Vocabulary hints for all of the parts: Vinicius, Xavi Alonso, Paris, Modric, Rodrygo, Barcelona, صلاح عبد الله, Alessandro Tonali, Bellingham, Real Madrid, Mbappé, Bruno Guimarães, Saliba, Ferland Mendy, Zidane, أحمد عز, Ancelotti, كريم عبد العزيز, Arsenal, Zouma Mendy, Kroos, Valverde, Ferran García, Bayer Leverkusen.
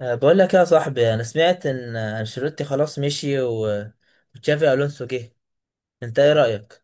بقول لك يا صاحبي، انا سمعت ان انشيلوتي خلاص مشي وتشافي الونسو جه. انت ايه رايك؟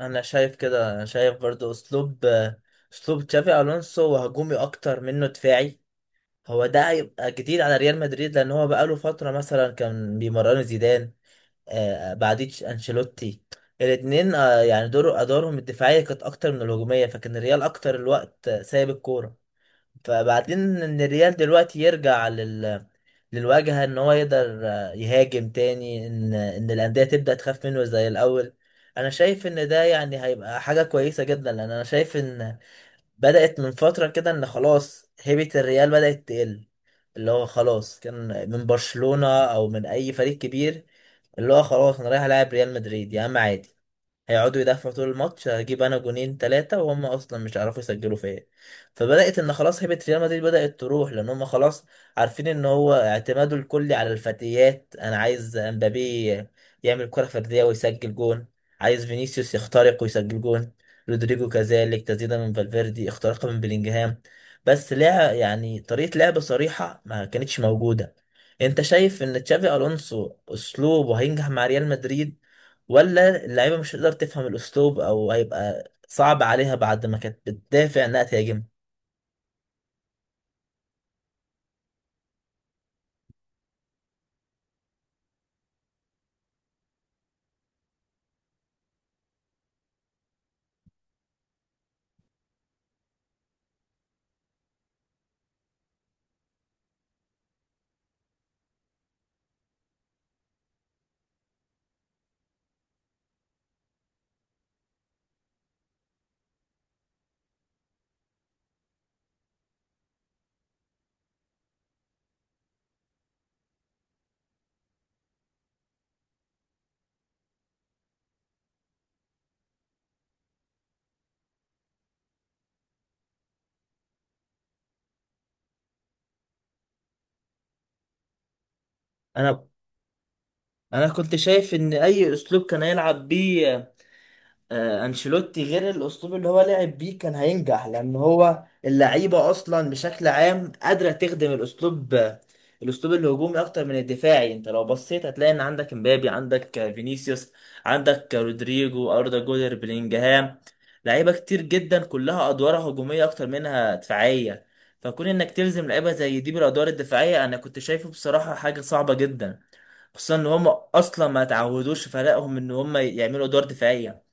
انا شايف كده. أنا شايف برضو اسلوب تشافي الونسو، وهجومي اكتر منه دفاعي. هو ده هيبقى جديد على ريال مدريد، لان هو بقاله فتره مثلا كان بيمرنوا زيدان، بعديه انشيلوتي. الاتنين يعني ادوارهم الدفاعيه كانت اكتر من الهجوميه، فكان الريال اكتر الوقت سايب الكوره. فبعدين ان الريال دلوقتي يرجع للواجهة، ان هو يقدر يهاجم تاني، ان الأندية تبدأ تخاف منه زي الأول. انا شايف ان ده يعني هيبقى حاجة كويسة جدا، لان انا شايف ان بدأت من فترة كده ان خلاص هيبة الريال بدأت تقل. اللي هو خلاص كان من برشلونة او من اي فريق كبير، اللي هو خلاص انا رايح العب ريال مدريد يا عم عادي، هيقعدوا يدافعوا طول الماتش، هجيب انا جونين ثلاثة وهم اصلا مش هيعرفوا يسجلوا فيا. فبدأت ان خلاص هيبة ريال مدريد بدأت تروح، لان هم خلاص عارفين ان هو اعتماده الكلي على الفتيات. انا عايز امبابي يعمل كرة فردية ويسجل جون، عايز فينيسيوس يخترق ويسجل جون، رودريجو كذلك، تسديدة من فالفيردي، اختراقها من بلينجهام. بس لعب، يعني طريقة لعب صريحة ما كانتش موجودة. انت شايف ان تشافي الونسو اسلوبه هينجح مع ريال مدريد؟ ولا اللعيبة مش هتقدر تفهم الأسلوب أو هيبقى صعب عليها بعد ما كانت بتدافع إنها تهاجم؟ أنا أنا كنت شايف إن أي أسلوب كان هيلعب بيه انشيلوتي غير الاسلوب اللي هو لعب بيه كان هينجح، لان هو اللعيبه اصلا بشكل عام قادره تخدم الاسلوب، الاسلوب الهجومي اكتر من الدفاعي. انت لو بصيت هتلاقي ان عندك امبابي، عندك فينيسيوس، عندك رودريجو، اردا جولر، بلينجهام، لعيبه كتير جدا كلها ادوارها هجوميه اكتر منها دفاعيه. فكون انك تلزم لعيبه زي دي بالادوار الدفاعيه، انا كنت شايفه بصراحه حاجه صعبه جدا، خصوصا ان هم اصلا ما تعودوش فريقهم ان هم يعملوا ادوار دفاعيه.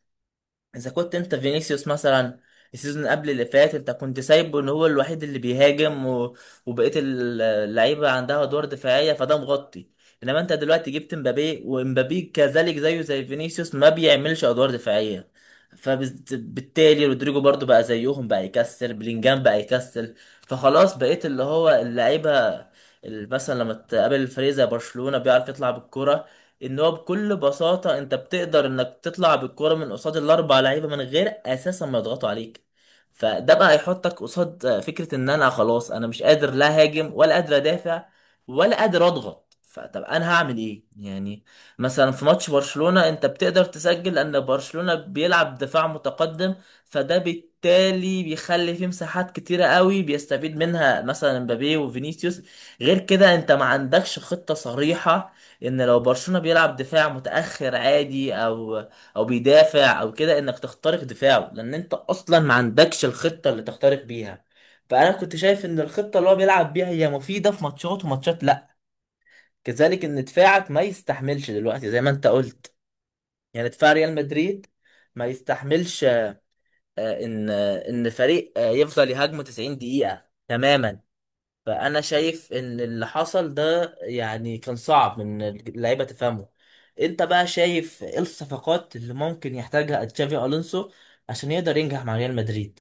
اذا كنت انت فينيسيوس مثلا، السيزون قبل اللي فات، انت كنت سايبه ان هو الوحيد اللي بيهاجم، و... وبقيه اللعيبه عندها ادوار دفاعيه، فده مغطي. انما انت دلوقتي جبت مبابي، ومبابي كذلك زيه زي فينيسيوس ما بيعملش ادوار دفاعيه، فبالتالي رودريجو برضو بقى زيهم، بقى يكسل، بلينجهام بقى يكسل. فخلاص بقيت اللي هو اللعيبه، مثلا لما تقابل فريق زي برشلونه بيعرف يطلع بالكرة، ان هو بكل بساطه انت بتقدر انك تطلع بالكوره من قصاد الاربع لعيبه من غير اساسا ما يضغطوا عليك. فده بقى هيحطك قصاد فكره ان انا خلاص، انا مش قادر لا هاجم ولا قادر ادافع ولا قادر اضغط، فطب انا هعمل ايه يعني؟ مثلا في ماتش برشلونه انت بتقدر تسجل، لان برشلونه بيلعب دفاع متقدم، فده بالتالي بيخلي فيه مساحات كتيره قوي بيستفيد منها مثلا مبابي وفينيسيوس. غير كده انت ما عندكش خطه صريحه ان لو برشلونة بيلعب دفاع متأخر عادي، او بيدافع او كده، انك تخترق دفاعه، لان انت اصلا ما عندكش الخطة اللي تخترق بيها. فانا كنت شايف ان الخطة اللي هو بيلعب بيها هي مفيدة في ماتشات، وماتشات لا، كذلك ان دفاعك ما يستحملش دلوقتي زي ما انت قلت. يعني دفاع ريال مدريد ما يستحملش ان ان فريق يفضل يهاجمه 90 دقيقة تماما. فانا شايف ان اللي حصل ده يعني كان صعب ان اللعيبه تفهمه. انت بقى شايف ايه الصفقات اللي ممكن يحتاجها تشافي الونسو عشان يقدر ينجح مع ريال مدريد؟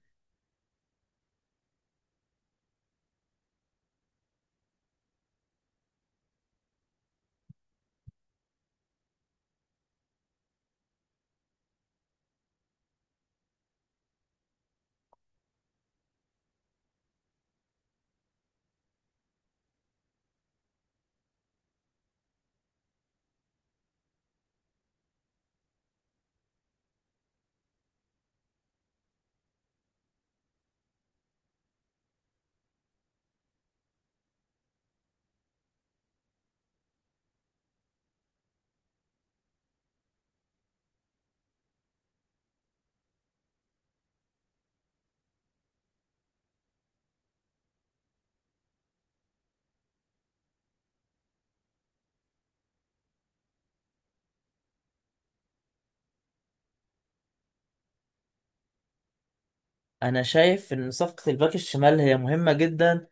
انا شايف ان صفقه الباك الشمال هي مهمه جدا،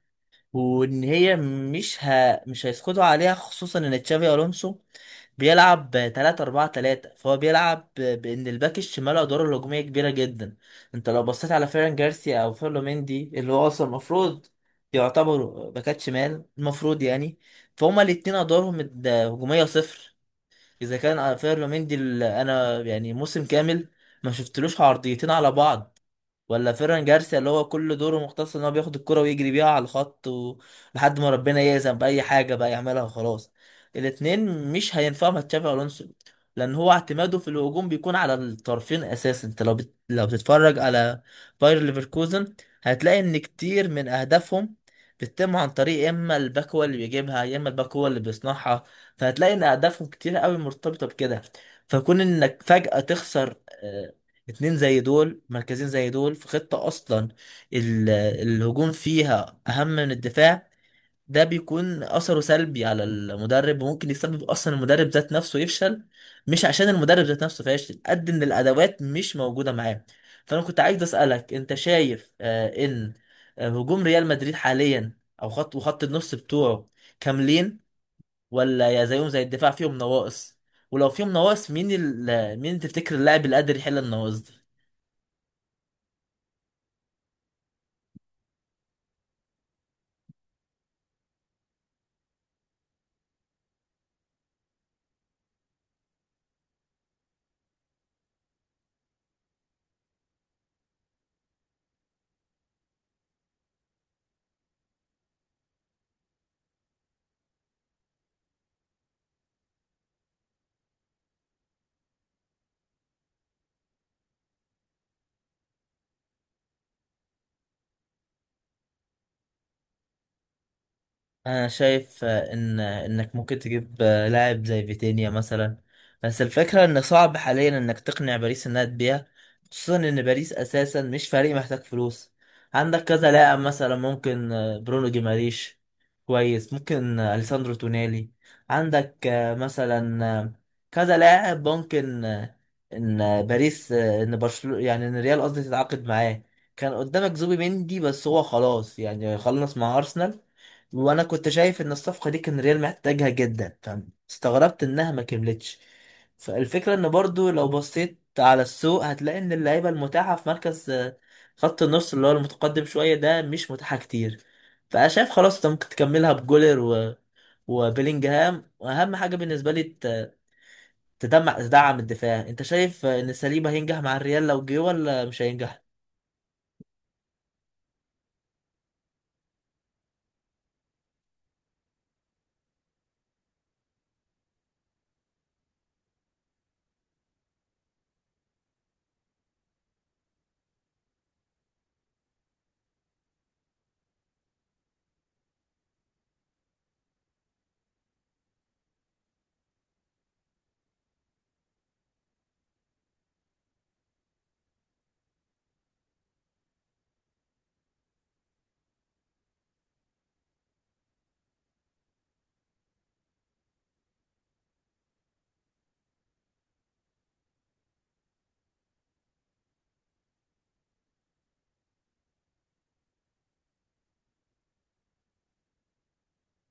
وان هي مش هيسقطوا عليها، خصوصا ان تشافي الونسو بيلعب 3-4-3، فهو بيلعب بان الباك الشمال ادواره الهجوميه كبيره جدا. انت لو بصيت على فيران جارسيا او فيرلو مندي اللي هو اصلا المفروض يعتبروا باكات شمال المفروض يعني، فهما الاتنين ادوارهم هجوميه صفر. اذا كان فيرلو مندي انا يعني موسم كامل ما شفتلوش عرضيتين على بعض، ولا فيران جارسيا اللي هو كل دوره مختص ان هو بياخد الكرة ويجري بيها على الخط، لحد ما ربنا يأذن بأي حاجة بقى يعملها وخلاص. الاتنين مش هينفعوا مع تشافي ألونسو، لأن هو اعتماده في الهجوم بيكون على الطرفين أساسا. أنت لو لو بتتفرج على باير ليفركوزن هتلاقي إن كتير من أهدافهم بتتم عن طريق، يا إما الباك هو اللي بيجيبها، يا إما الباك هو اللي بيصنعها. فهتلاقي إن أهدافهم كتير قوي مرتبطة بكده. فكون إنك فجأة تخسر آه، اتنين زي دول مركزين زي دول في خطة أصلا الهجوم فيها أهم من الدفاع، ده بيكون أثره سلبي على المدرب، وممكن يسبب أصلا المدرب ذات نفسه يفشل، مش عشان المدرب ذات نفسه فاشل، قد إن الأدوات مش موجودة معاه. فأنا كنت عايز أسألك، أنت شايف إن هجوم ريال مدريد حاليا، أو خط وخط النص بتوعه، كاملين؟ ولا يا زيهم زي الدفاع فيهم نواقص؟ ولو فيهم نواقص، مين مين تفتكر اللاعب اللي قادر يحل النواقص دي؟ انا شايف ان انك ممكن تجيب لاعب زي فيتينيا مثلا، بس الفكره ان صعب حاليا انك تقنع باريس انها تبيع، خصوصا ان باريس اساسا مش فريق محتاج فلوس. عندك كذا لاعب، مثلا ممكن برونو جيماريش، كويس، ممكن اليساندرو تونالي، عندك مثلا كذا لاعب، ممكن ان باريس، ان برشلونه، يعني ان ريال قصدي تتعاقد معاه. كان قدامك زوبي مندي بس هو خلاص يعني خلص مع ارسنال، وانا كنت شايف ان الصفقه دي كان ريال محتاجها جدا، فاستغربت انها ما كملتش. فالفكره ان برضو لو بصيت على السوق هتلاقي ان اللعيبه المتاحه في مركز خط النص اللي هو المتقدم شويه ده مش متاحه كتير. فانا شايف خلاص انت ممكن تكملها بجولر و... وبيلينجهام، واهم حاجه بالنسبه لي تدعم الدفاع. انت شايف ان ساليبا هينجح مع الريال لو جه ولا مش هينجح؟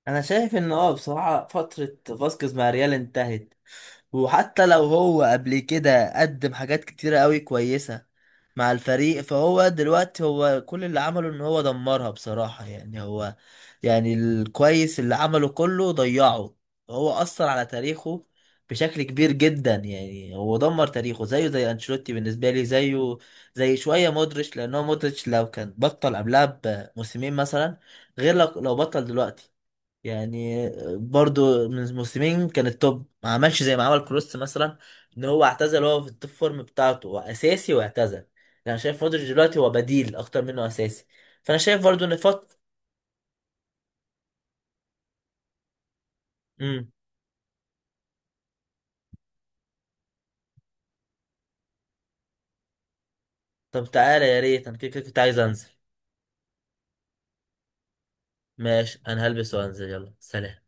انا شايف ان بصراحه فتره فاسكيز مع الريال انتهت، وحتى لو هو قبل كده قدم حاجات كتيرة قوي كويسة مع الفريق، فهو دلوقتي هو كل اللي عمله ان هو دمرها بصراحة. يعني هو يعني الكويس اللي عمله كله ضيعه، هو أثر على تاريخه بشكل كبير جدا. يعني هو دمر تاريخه، زيه زي أنشيلوتي بالنسبة لي، زيه زي شوية مودريتش. لأن هو مودريتش لو كان بطل قبلها بموسمين مثلا، غير لو بطل دلوقتي يعني. برضو من موسمين كان التوب، ما عملش زي ما عمل كروس مثلا، ان هو اعتزل وهو في التوب فورم بتاعته، هو اساسي واعتزل يعني. انا شايف مودريتش دلوقتي هو بديل اكتر منه اساسي. فانا شايف برضو ان فط امم طب تعالى، يا ريت، انا كده كده كنت عايز انزل. ماشي، انا هلبس وانزل، يلا سلام.